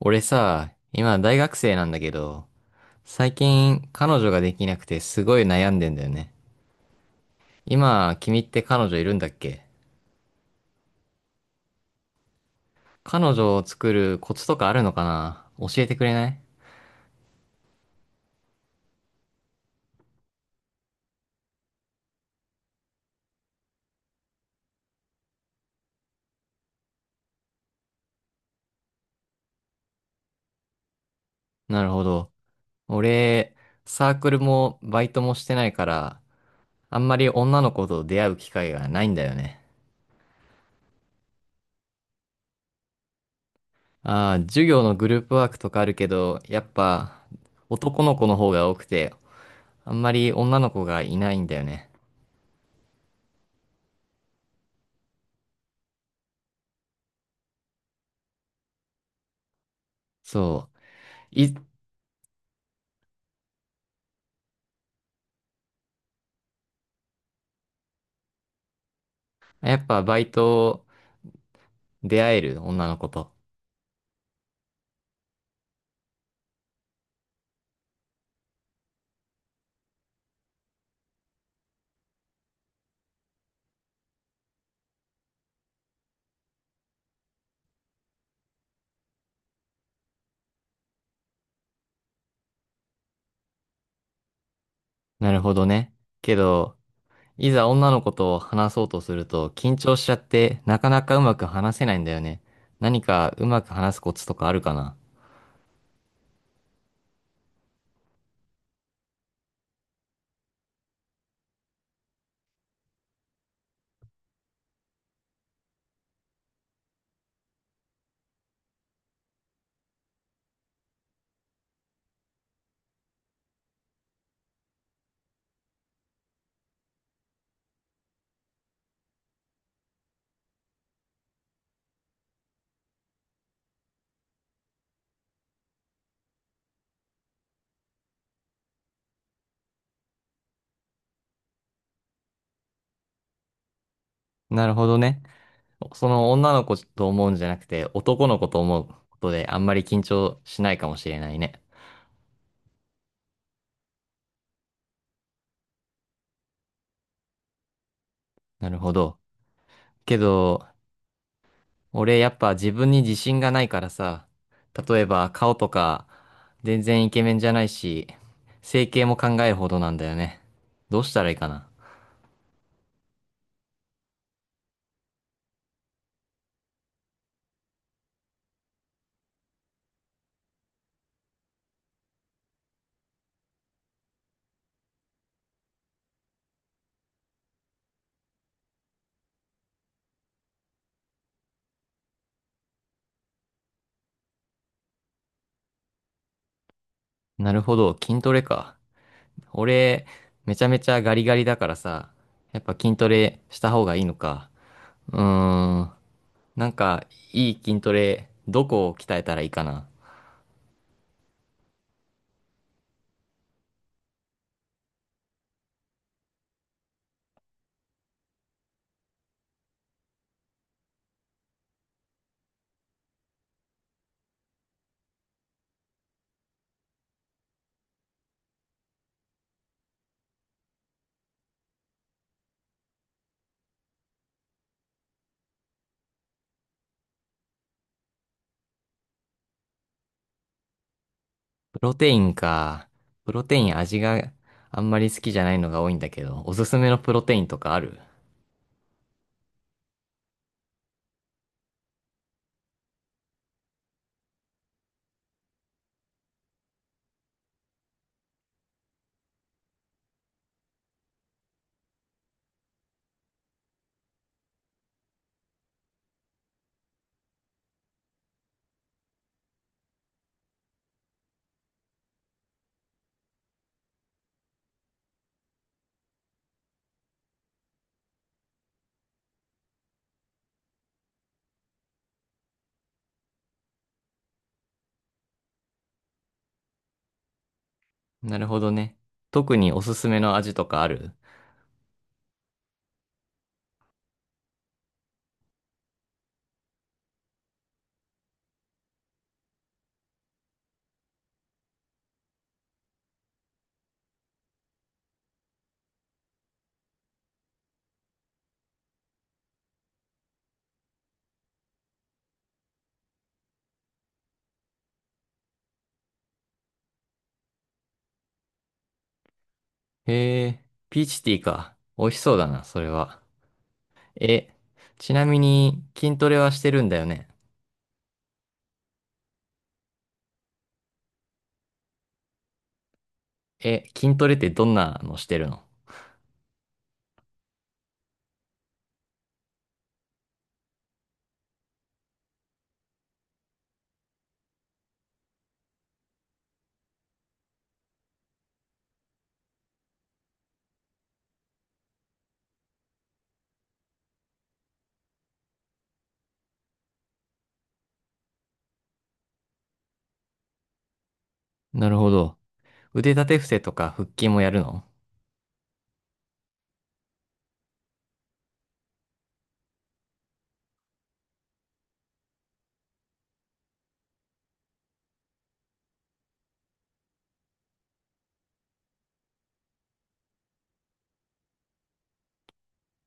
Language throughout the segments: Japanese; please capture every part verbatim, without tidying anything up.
俺さ、今大学生なんだけど、最近彼女ができなくてすごい悩んでんだよね。今、君って彼女いるんだっけ？彼女を作るコツとかあるのかな？教えてくれない？なるほど。俺、サークルもバイトもしてないから、あんまり女の子と出会う機会がないんだよね。ああ、授業のグループワークとかあるけど、やっぱ男の子の方が多くて、あんまり女の子がいないんだよね。そう。い、やっぱバイト出会える女の子と。なるほどね。けど、いざ女の子と話そうとすると緊張しちゃってなかなかうまく話せないんだよね。何かうまく話すコツとかあるかな？なるほどね。その女の子と思うんじゃなくて男の子と思うことであんまり緊張しないかもしれないね。なるほど。けど、俺やっぱ自分に自信がないからさ、例えば顔とか全然イケメンじゃないし、整形も考えるほどなんだよね。どうしたらいいかな。なるほど、筋トレか。俺、めちゃめちゃガリガリだからさ、やっぱ筋トレした方がいいのか。うーん、なんかいい筋トレ、どこを鍛えたらいいかな。プロテインか。プロテイン味があんまり好きじゃないのが多いんだけど、おすすめのプロテインとかある？なるほどね。特におすすめの味とかある？へえ、ピーチティーか。美味しそうだな、それは。え、ちなみに筋トレはしてるんだよね。え、筋トレってどんなのしてるの？なるほど。腕立て伏せとか腹筋もやるの？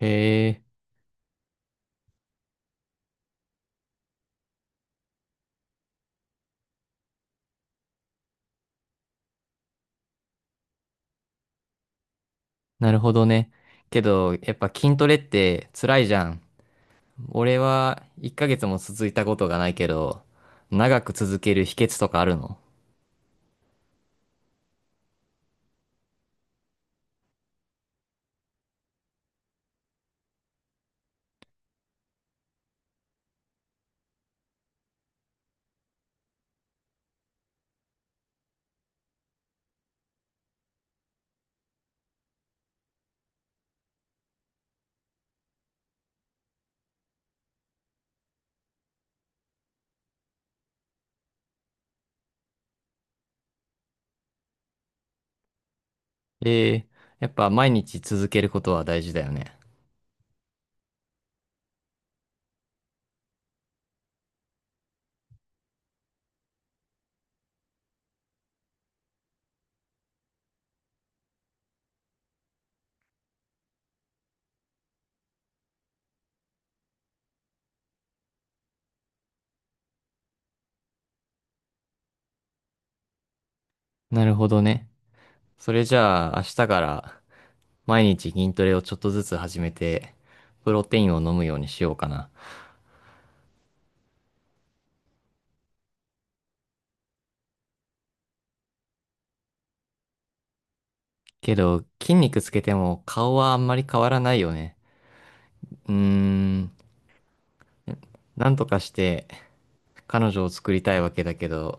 へえ、なるほどね。けど、やっぱ筋トレって辛いじゃん。俺はいっかげつも続いたことがないけど、長く続ける秘訣とかあるの？ええ、やっぱ毎日続けることは大事だよね。なるほどね。それじゃあ、明日から毎日筋トレをちょっとずつ始めて、プロテインを飲むようにしようかな。けど、筋肉つけても顔はあんまり変わらないよね。うーん、なんとかして彼女を作りたいわけだけど、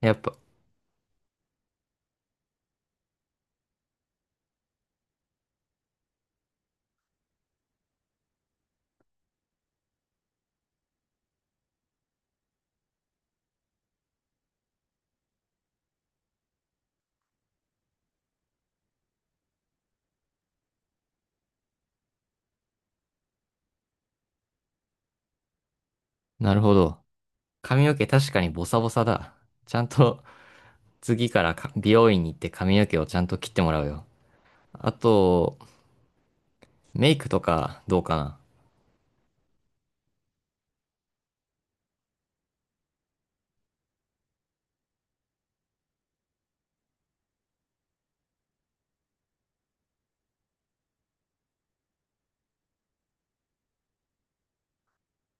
やっぱ、なるほど。髪の毛確かにボサボサだ。ちゃんと次からか美容院に行って髪の毛をちゃんと切ってもらうよ。あと、メイクとかどうかな。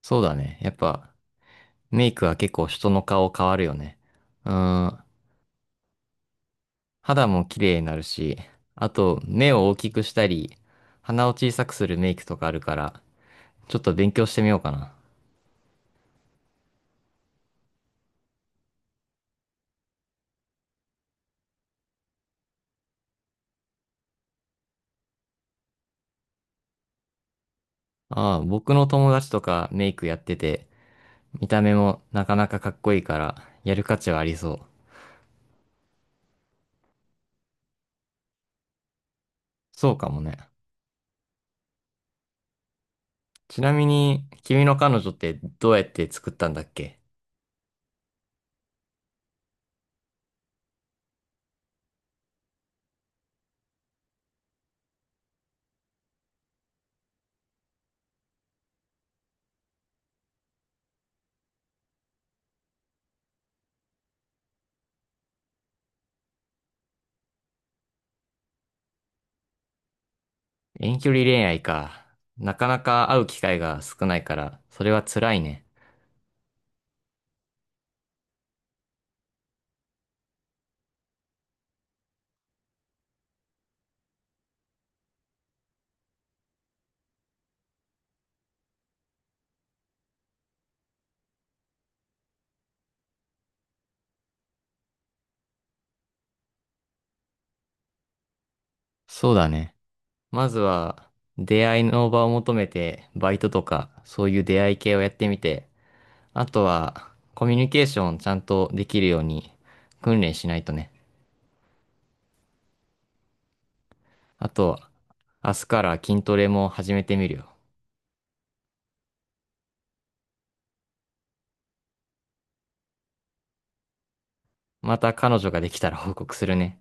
そうだね。やっぱ、メイクは結構人の顔変わるよね。うーん、肌も綺麗になるし、あと目を大きくしたり、鼻を小さくするメイクとかあるから、ちょっと勉強してみようかな。ああ、僕の友達とかメイクやってて、見た目もなかなかかっこいいから、やる価値はありそう。そうかもね。ちなみに、君の彼女ってどうやって作ったんだっけ？遠距離恋愛か。なかなか会う機会が少ないから、それは辛いね。そうだね。まずは、出会いの場を求めて、バイトとか、そういう出会い系をやってみて、あとは、コミュニケーションちゃんとできるように、訓練しないとね。あと、明日から筋トレも始めてみるよ。また彼女ができたら報告するね。